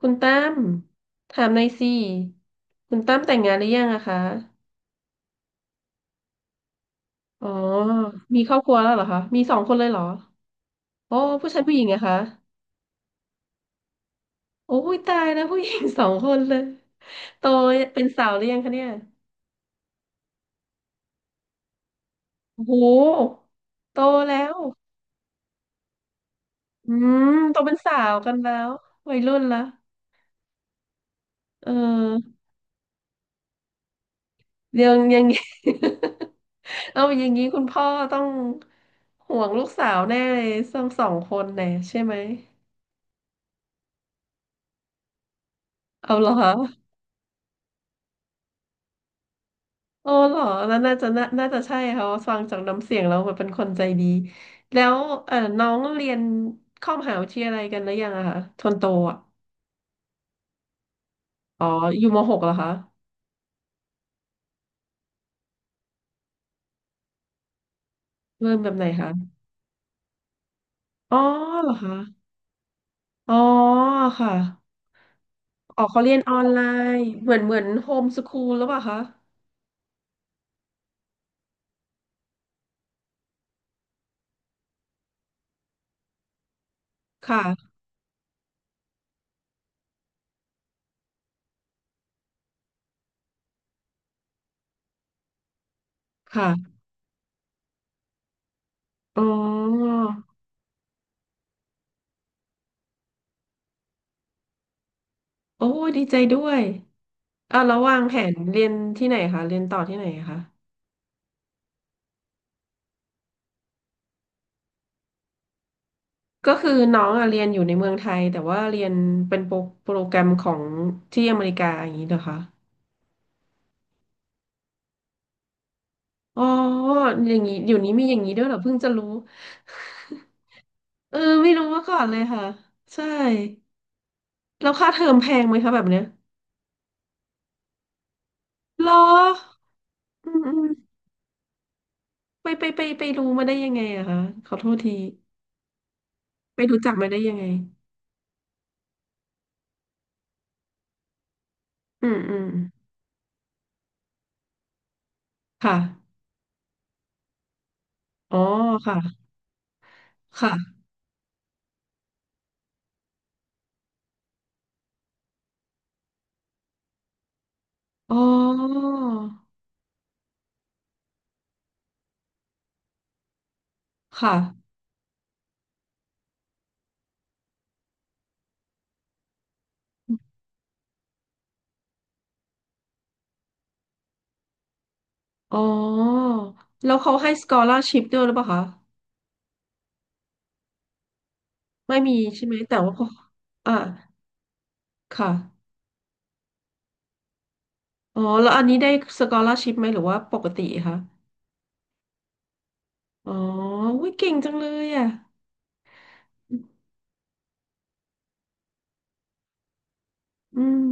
คุณตั้มถามหน่อยสิคุณตั้มแต่งงานหรือยังอะคะอ๋อมีครอบครัวแล้วเหรอคะมีสองคนเลยเหรอโอ้ผู้ชายผู้หญิงอะคะโอ้ยตายแล้วผู้หญิง สองคนเลยโตเป็นสาวหรือยังคะเนี่ยโอ้โหโตแล้วอืมโตเป็นสาวกันแล้ววัยรุ่นละเออยังยัง เอาอย่างนี้คุณพ่อต้องห่วงลูกสาวแน่เลยสองคนแน่ใช่ไหมเอาเหรอคะ โอ้เหรอนั่นน่าจะน่าน่าจะใช่ค่ะเพราะฟังจากน้ำเสียงแล้วแบบเป็นคนใจดีแล้วเออน้องเรียนเข้ามหาวิทยาลัยกันหรือยังอะคะทนโตอะอ๋ออยู่มหกเหรอคะเริ่มแบบไหนคะอ๋อเหรอคะอ๋อค่ะอ๋อเขาเรียนออนไลน์เหมือนเหมือนโฮมสคูลหรือเปล่าคะค่ะค่ะอ๋อโอ้ดีใจด้วยอ่ะแล้ววางแผนเรียนที่ไหนคะเรียนต่อที่ไหนคะ ก็คือน้องอะเรียนอยู่ในเมืองไทยแต่ว่าเรียนเป็นโปรแกรมของที่อเมริกาอย่างนี้เหรอคะอ๋ออย่างนี้อยู่นี้มีอย่างนี้ด้วยเหรอเพิ่งจะรู้เออไม่รู้มาก่อนเลยค่ะใช่แล้วค่าเทอมแพงไหมคะแบบเนี้ยเหรออืมอืมไปรู้มาได้ยังไงอะคะขอโทษทีไปรู้จักมาได้ยังไงอืมอืมค่ะอ๋อค่ะค่ะอ๋อค่ะอ๋อแล้วเขาให้ scholarship ด้วยหรือเปล่าคะ ไม่มีใช่ไหมแต่ว่าพออ่าค่ะอ๋อแล้วอันนี้ได้สกอลา r s ชิพไหมหรือว่าปกติคะอ๋ออุ้ยเก่งจังเลยอ่ะอืม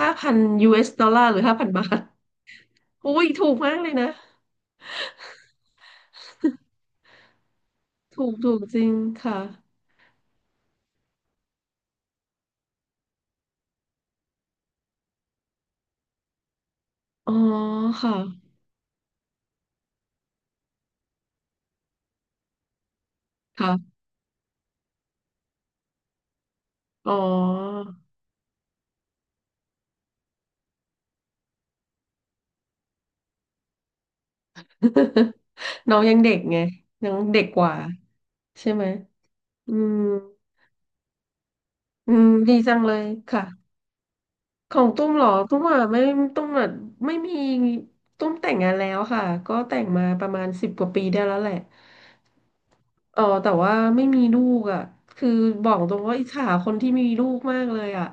ห้าพัน US ดอลลาร์หรือห้าพันบาทอุ้ยถูกมากเลยนะถูกจริงค่ะอ๋อค่ะค่ะอ๋อ น้องยังเด็กไงน้องเด็กกว่าใช่ไหมอืมอืมดีจังเลยค่ะ ของตุ้มเหรอตุ้มอ่ะไม่ตุ้มอ่ะไม่มีตุ้มแต่งงานแล้วค่ะก็แต่งมาประมาณสิบกว่าปีได้แล้วแหละเออแต่ว่าไม่มีลูกอ่ะคือบอกตรงว่าอิจฉาคนที่มีลูกมากเลยอ่ะ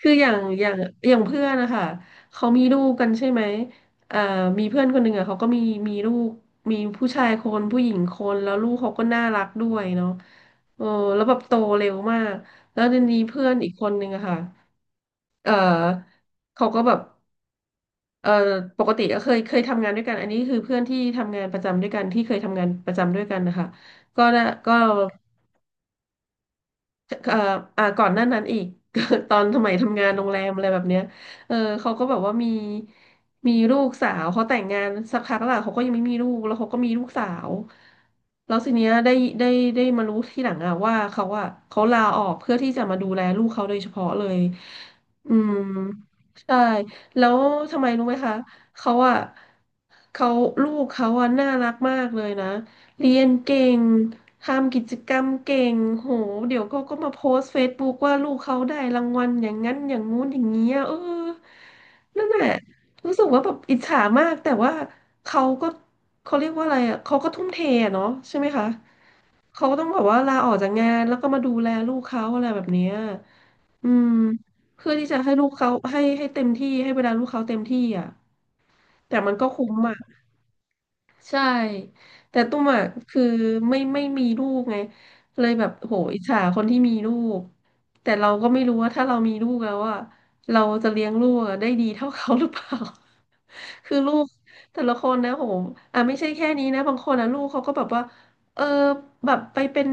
คืออย่างอย่างเพื่อนนะคะเขามีลูกกันใช่ไหมอ่ามีเพื่อนคนหนึ่งอ่ะเขาก็มีลูกมีผู้ชายคนผู้หญิงคนแล้วลูกเขาก็น่ารักด้วยเนาะเออแล้วแบบโตเร็วมากแล้วทีนี้เพื่อนอีกคนหนึ่งอะค่ะเออเขาก็แบบ เอ่อปกติก็เคยทำงานด้วยกันอันนี้คือเพื่อนที่ทำงานประจำด้วยกันที่เคยทำงานประจำด้วยกันนะคะก็น่ะก็ เอ่ออ่าก่อนหน้านั้นอีก ตอนสมัยทำงานโรงแรมอะไรแบบเนี้ยเออเขาก็แบบว่ามีลูกสาวเขาแต่งงานสักพักแล้วล่ะเขาก็ยังไม่มีลูกแล้วเขาก็มีลูกสาวแล้วทีเนี้ยได้ได้มารู้ทีหลังอะว่าเขาอะเขาลาออกเพื่อที่จะมาดูแลลูกเขาโดยเฉพาะเลยอืมใช่แล้วทำไมรู้ไหมคะเขาอะเขาลูกเขาอะน่ารักมากเลยนะเรียนเก่ง ทำกิจกรรมเก่งโหเดี๋ยวก็มาโพสต์เฟซบุ๊กว่าลูกเขาได้รางวัลอย่างนั้นอย่างงู้นอย่างเงี้ยเออนั่นแหละรู้สึกว่าแบบอิจฉามากแต่ว่าเขาก็เขาเรียกว่าอะไรอ่ะเขาก็ทุ่มเทอะเนาะใช่ไหมคะเขาก็ต้องแบบว่าลาออกจากงานแล้วก็มาดูแลลูกเขาอะไรแบบเนี้ยอืมเพื่อที่จะให้ลูกเขาให้เต็มที่ให้เวลาลูกเขาเต็มที่อ่ะแต่มันก็คุ้มอ่ะ ใช่แต่ตุ้มอ่ะคือไม่มีลูกไงเลยแบบโหอิจฉาคนที่มีลูกแต่เราก็ไม่รู้ว่าถ้าเรามีลูกแล้วอ่ะเราจะเลี้ยงลูกอะได้ดีเท่าเขาหรือเปล่า คือลูกแต่ละคนนะโหอ่ะไม่ใช่แค่นี้นะบางคนอ่ะลูกเขาก็แบบว่าเออแบบไปเป็น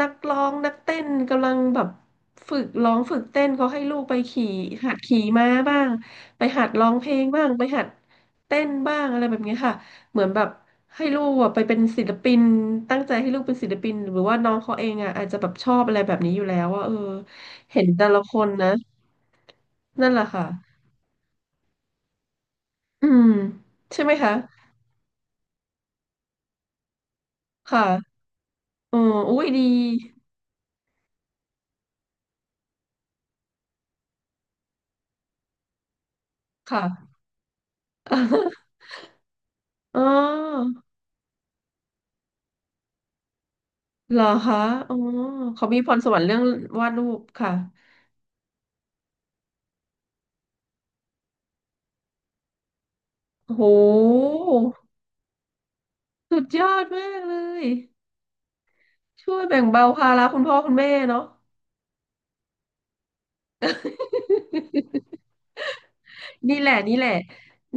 นักร้องนักเต้นกำลังแบบฝึกร้องฝึกเต้นเขาให้ลูกไปขี่หัดขี่ม้าบ้างไปหัดร้องเพลงบ้างไปหัดเต้นบ้างอะไรแบบนี้ค่ะ เหมือนแบบให้ลูกอะไปเป็นศิลปินตั้งใจให้ลูกเป็นศิลปินหรือว่าน้องเขาเองอ่ะอาจจะแบบชอบอะไรแบบนี้อยู่แล้วว่าเออเห็นแต่ละคนนะนั่นแหละค่ะอืมใช่ไหมคะค่ะอ๋ออุ้ยดีค่ะ อ๋อเหรอคะอ๋อเขามีพรสวรรค์เรื่องวาดรูปค่ะโอ้โหสุดยอดมากเลยช่วยแบ่งเบาภาระคุณพ่อคุณแม่เนาะ นี่แหละนี่แหละ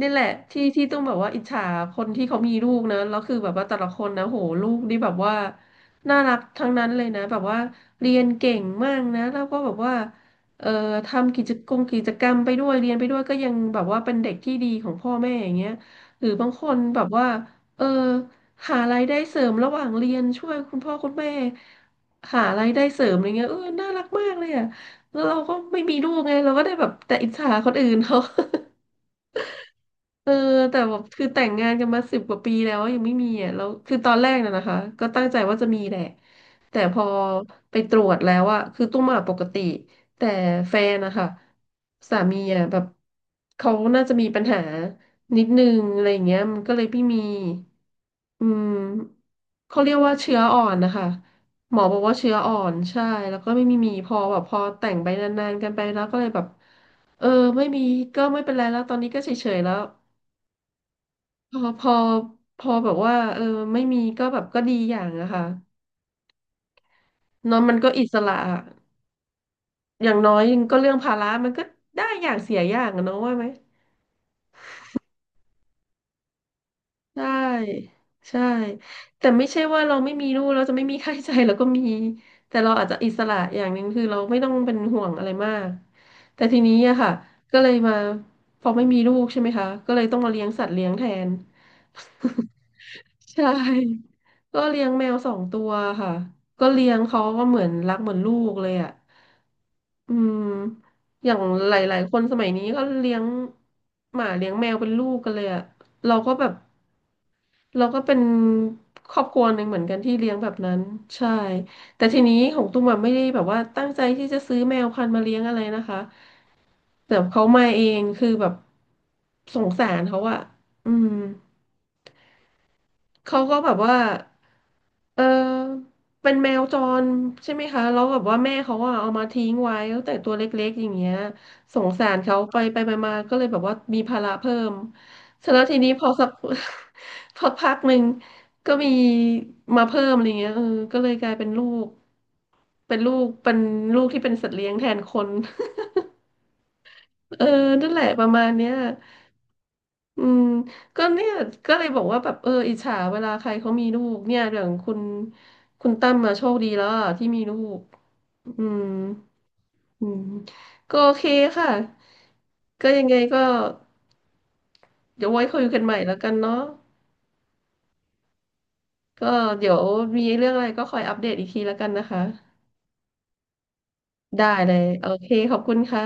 นี่แหละที่ที่ต้องแบบว่าอิจฉาคนที่เขามีลูกนะแล้วคือแบบว่าแต่ละคนนะโหลูกนี่แบบว่าน่ารักทั้งนั้นเลยนะแบบว่าเรียนเก่งมากนะแล้วก็แบบว่าเอ่อทำกิจกรรมกิจกรรมไปด้วยเรียนไปด้วยก็ยังแบบว่าเป็นเด็กที่ดีของพ่อแม่อย่างเงี้ยหรือบางคนแบบว่าเออหารายได้เสริมระหว่างเรียนช่วยคุณพ่อคุณแม่หารายได้เสริมอะไรเงี้ยเออน่ารักมากเลยอ่ะแล้วเราก็ไม่มีลูกไงเราก็ได้แบบแต่อิจฉาคนอื่นเขา เออแต่แบบคือแต่งงานกันมาสิบกว่าปีแล้วยังไม่มีอ่ะแล้วคือตอนแรกน่ะนะคะก็ตั้งใจว่าจะมีแหละแต่พอไปตรวจแล้วอ่ะคือตุ้มอ่ะปกติแต่แฟนนะคะสามีอ่ะแบบเขาน่าจะมีปัญหานิดนึงอะไรอย่างเงี้ยมันก็เลยไม่มีอืมเขาเรียกว่าเชื้ออ่อนนะคะหมอบอกว่าเชื้ออ่อนใช่แล้วก็ไม่มีพอแบบพอแต่งไปนานๆกันไปแล้วก็เลยแบบเออไม่มีก็ไม่เป็นไรแล้วตอนนี้ก็เฉยๆแล้ว พอพอพอแบบว่าเออไม่มีก็แบบก็ดีอย่างอะค่ะเนอะมันก็อิสระอะอย่างน้อยก็เรื่องภาระมันก็ได้อย่างเสียอย่างอะเนอะว่าไหมใช่ใช่แต่ไม่ใช่ว่าเราไม่มีลูกเราจะไม่มีค่าใช้จ่ายเราก็มีแต่เราอาจจะอิสระอย่างหนึ่งคือเราไม่ต้องเป็นห่วงอะไรมากแต่ทีนี้อะค่ะก็เลยมาพอไม่มีลูกใช่ไหมคะก็เลยต้องมาเลี้ยงสัตว์เลี้ยงแทน ใช่ ก็เลี้ยงแมว2 ตัวค่ะก็เลี้ยงเขาก็เหมือนรักเหมือนลูกเลยอ่ะอืมอย่างหลายๆคนสมัยนี้ก็เลี้ยงหมาเลี้ยงแมวเป็นลูกกันเลยอ่ะเราก็แบบเราก็เป็นครอบครัวหนึ่งเหมือนกันที่เลี้ยงแบบนั้นใช่แต่ทีนี้ของตุ้มอะไม่ได้แบบว่าตั้งใจที่จะซื้อแมวพันธุ์มาเลี้ยงอะไรนะคะแต่เขามาเองคือแบบสงสารเขาอะอืม เขาก็แบบว่าเออเป็นแมวจรใช่ไหมคะแล้วแบบว่าแม่เขาอะเอามาทิ้งไว้ตั้งแต่ตัวเล็กๆอย่างเงี้ยสงสารเขาไปมาก็เลยแบบว่ามีภาระเพิ่มเสร็จแล้วทีนี้พอสัก พอพักหนึ่งก็มีมาเพิ่มอะไรเงี้ยเออก็เลยกลายเป็นลูกเป็นลูกที่เป็นสัตว์เลี้ยงแทนคน เออนั่นแหละประมาณเนี้ย อืมก็เนี่ยก็เลยบอกว่าแบบเอออิจฉาเวลาใครเขามีลูกเนี่ยอย่างคุณตั้มมาโชคดีแล้วอะที่มีลูกอืมอืมก็โอเคค่ะก็ยังไงก็เดี๋ยวไว้คุยกันใหม่แล้วกันเนาะก็เดี๋ยวมีเรื่องอะไรก็คอยอัปเดตอีกทีแล้วกันนะคะได้เลยโอเคขอบคุณค่ะ